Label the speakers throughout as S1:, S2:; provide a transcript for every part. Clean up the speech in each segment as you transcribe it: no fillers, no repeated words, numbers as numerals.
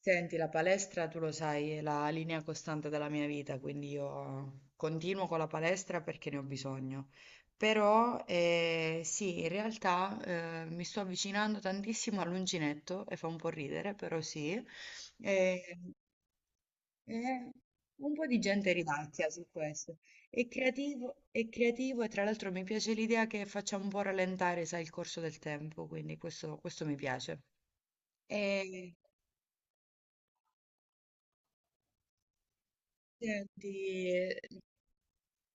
S1: Senti, la palestra, tu lo sai, è la linea costante della mia vita, quindi io continuo con la palestra perché ne ho bisogno. Però sì, in realtà mi sto avvicinando tantissimo all'uncinetto e fa un po' ridere, però sì. Eh, eh, un po' di gente ridacchia su questo. È creativo e tra l'altro mi piace l'idea che faccia un po' rallentare, sai, il corso del tempo, quindi questo mi piace. E senti,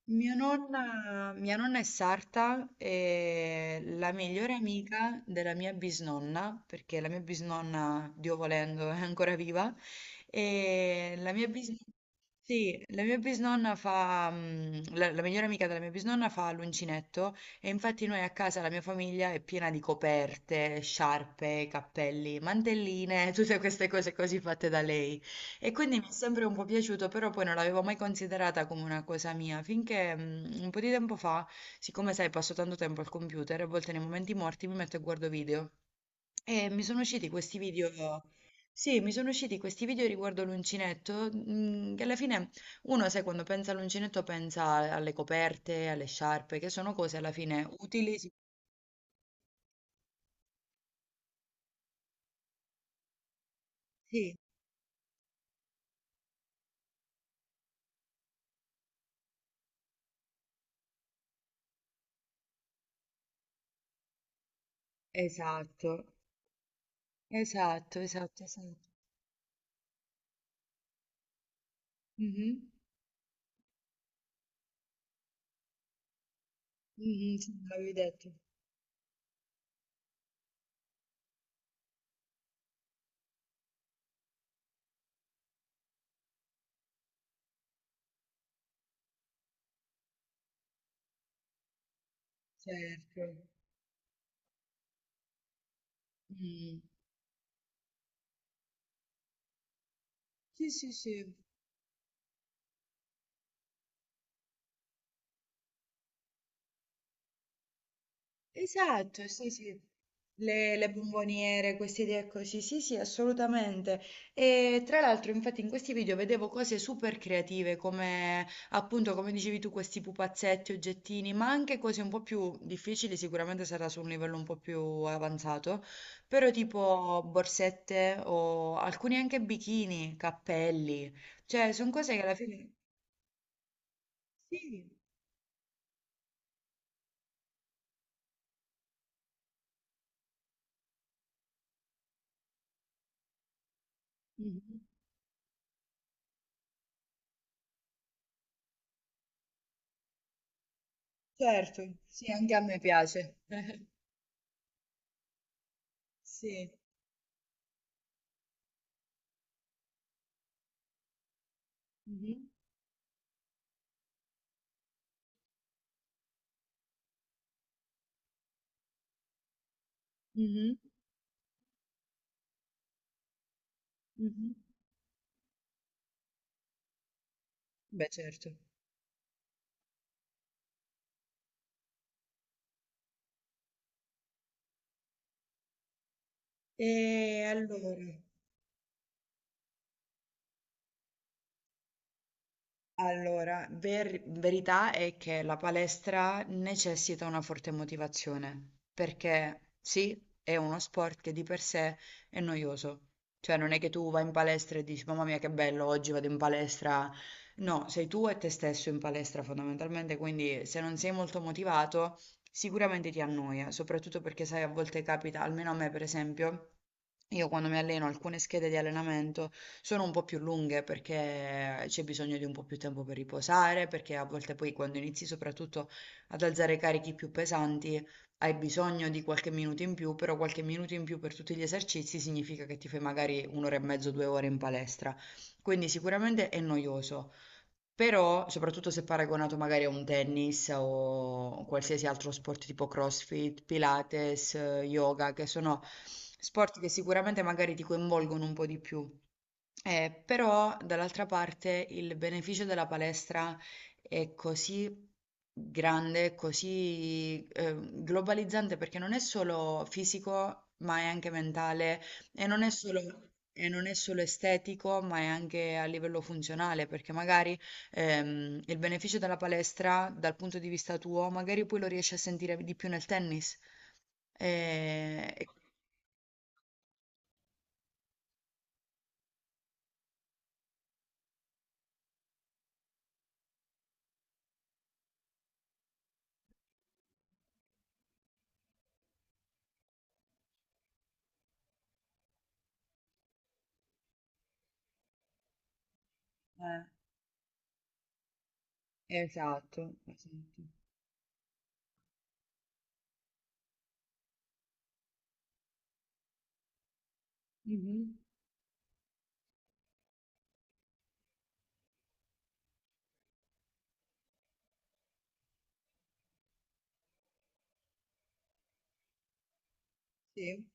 S1: mia nonna è sarta e la migliore amica della mia bisnonna, perché la mia bisnonna, Dio volendo, è ancora viva, e la mia bisnonna, sì, la migliore amica della mia bisnonna fa l'uncinetto e infatti noi a casa, la mia famiglia è piena di coperte, sciarpe, cappelli, mantelline, tutte queste cose così fatte da lei. E quindi mi è sempre un po' piaciuto, però poi non l'avevo mai considerata come una cosa mia, finché un po' di tempo fa, siccome sai, passo tanto tempo al computer, a volte nei momenti morti mi metto e guardo video. E mi sono usciti questi video, sì, mi sono usciti questi video riguardo l'uncinetto, che alla fine uno, sai, quando pensa all'uncinetto pensa alle coperte, alle sciarpe, che sono cose alla fine utili. Sì, esatto, esatto, esatto, esatto. Mhm, mhm, sì, me l'avevi detto. Certo. Mh. Sì, sì, sì. Esatto, sì, sì. Le bomboniere, queste idee così. Sì, sì, assolutamente. E tra l'altro, infatti, in questi video vedevo cose super creative, come appunto, come dicevi tu, questi pupazzetti, oggettini, ma anche cose un po' più difficili, sicuramente sarà su un livello un po' più avanzato, però tipo borsette o alcuni anche bikini, cappelli. Cioè, sono cose che alla fine. Sì. Certo, sì, anche a me piace. Sì. Mh-mh. Mh-mh. Mh-mh. Beh, certo. E allora Allora, verità è che la palestra necessita una forte motivazione, perché sì, è uno sport che di per sé è noioso. Cioè, non è che tu vai in palestra e dici, mamma mia, che bello, oggi vado in palestra. No, sei tu e te stesso in palestra fondamentalmente, quindi se non sei molto motivato, sicuramente ti annoia, soprattutto perché sai, a volte capita, almeno a me per esempio, io quando mi alleno alcune schede di allenamento, sono un po' più lunghe perché c'è bisogno di un po' più tempo per riposare, perché a volte poi quando inizi soprattutto ad alzare carichi più pesanti hai bisogno di qualche minuto in più, però qualche minuto in più per tutti gli esercizi significa che ti fai magari un'ora e mezzo, due ore in palestra. Quindi sicuramente è noioso. Però, soprattutto se paragonato magari a un tennis o qualsiasi altro sport tipo CrossFit, Pilates, yoga, che sono sport che sicuramente magari ti coinvolgono un po' di più. Però, dall'altra parte, il beneficio della palestra è così grande, così globalizzante, perché non è solo fisico, ma è anche mentale e non è solo e non è solo estetico, ma è anche a livello funzionale, perché magari il beneficio della palestra, dal punto di vista tuo, magari poi lo riesci a sentire di più nel tennis. Eh, e- eh, esatto, esatto. Mhm, sì,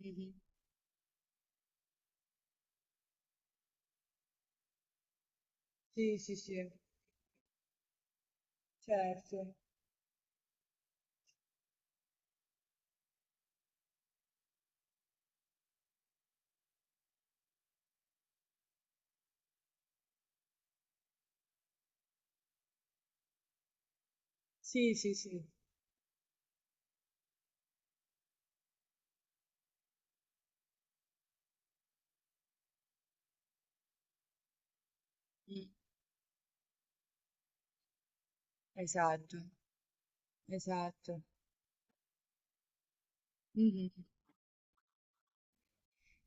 S1: mhm, sì, sì, sì, certo. Sì, sì, sì, mm. Esatto, esatto. Mhm.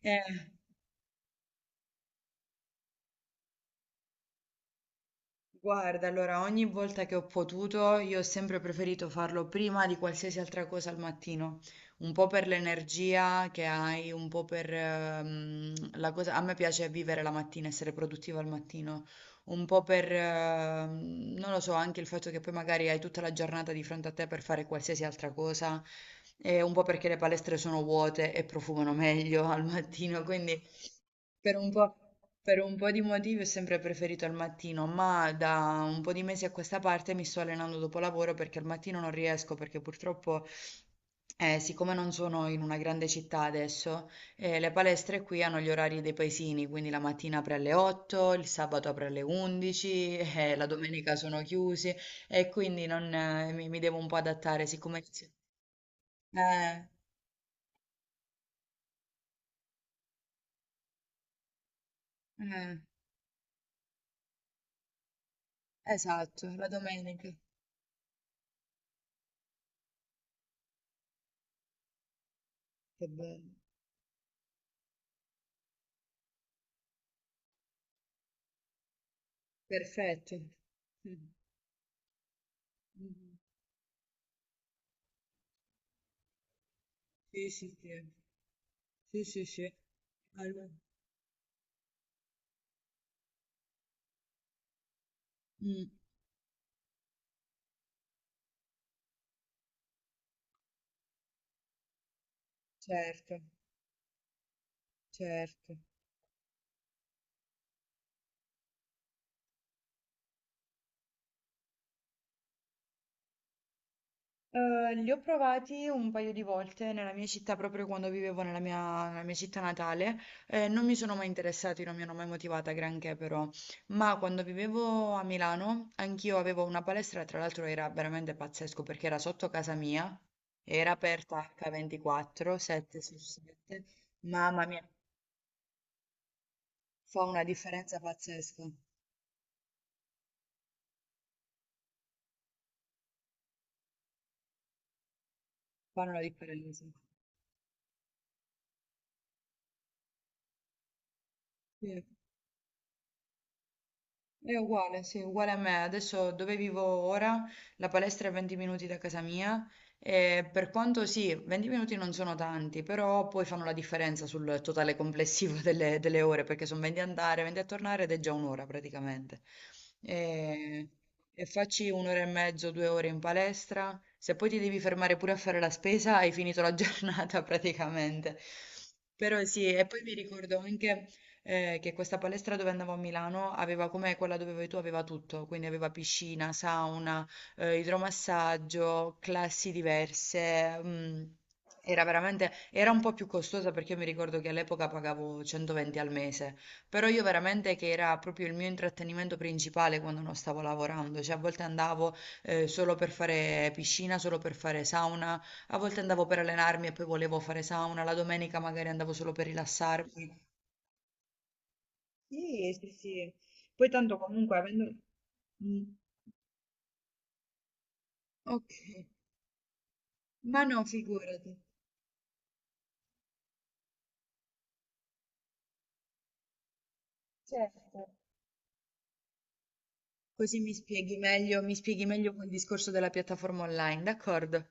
S1: Eh, Guarda, allora ogni volta che ho potuto, io ho sempre preferito farlo prima di qualsiasi altra cosa al mattino, un po' per l'energia che hai, un po' per la cosa... A me piace vivere la mattina, essere produttiva al mattino, un po' per, non lo so, anche il fatto che poi magari hai tutta la giornata di fronte a te per fare qualsiasi altra cosa, e un po' perché le palestre sono vuote e profumano meglio al mattino, quindi... Per un po', per un po' di motivi ho sempre preferito il mattino, ma da un po' di mesi a questa parte mi sto allenando dopo lavoro perché al mattino non riesco, perché purtroppo, siccome non sono in una grande città adesso, le palestre qui hanno gli orari dei paesini, quindi la mattina apre alle 8, il sabato apre alle 11, la domenica sono chiusi e quindi non, mi devo un po' adattare, siccome... Eh, eh, esatto, la domenica. Che bello. Perfetto. Mh. Mh-mh. Sì, sì, sì. Sì, sì, sì. Allo mh, certo, certo. Li ho provati un paio di volte nella mia città, proprio quando vivevo nella mia città natale, e non mi sono mai interessati, non mi hanno mai motivata granché però. Ma quando vivevo a Milano, anch'io avevo una palestra, tra l'altro era veramente pazzesco perché era sotto casa mia, era aperta H24, 7 su 7. Mamma mia. Fa una differenza pazzesca, fanno la differenza. Sì. È uguale, sì, uguale a me. Adesso dove vivo ora, la palestra è 20 minuti da casa mia e per quanto sì, 20 minuti non sono tanti, però poi fanno la differenza sul totale complessivo delle ore, perché sono 20 a andare, 20 a tornare ed è già un'ora praticamente. E, e facci un'ora e mezzo, due ore in palestra. Se poi ti devi fermare pure a fare la spesa, hai finito la giornata praticamente. Però sì, e poi mi ricordo anche che questa palestra dove andavo a Milano aveva come quella dove vai tu, aveva tutto, quindi aveva piscina, sauna, idromassaggio, classi diverse. Era veramente, era un po' più costosa perché io mi ricordo che all'epoca pagavo 120 al mese, però io veramente che era proprio il mio intrattenimento principale quando non stavo lavorando, cioè a volte andavo solo per fare piscina, solo per fare sauna, a volte andavo per allenarmi e poi volevo fare sauna, la domenica magari andavo solo per rilassarmi. Sì, sì, sì. Poi tanto comunque avendo... Mm, ok, ma no, figurati. Certo. Così mi spieghi meglio quel discorso della piattaforma online, d'accordo?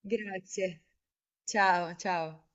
S1: Grazie. Ciao, ciao.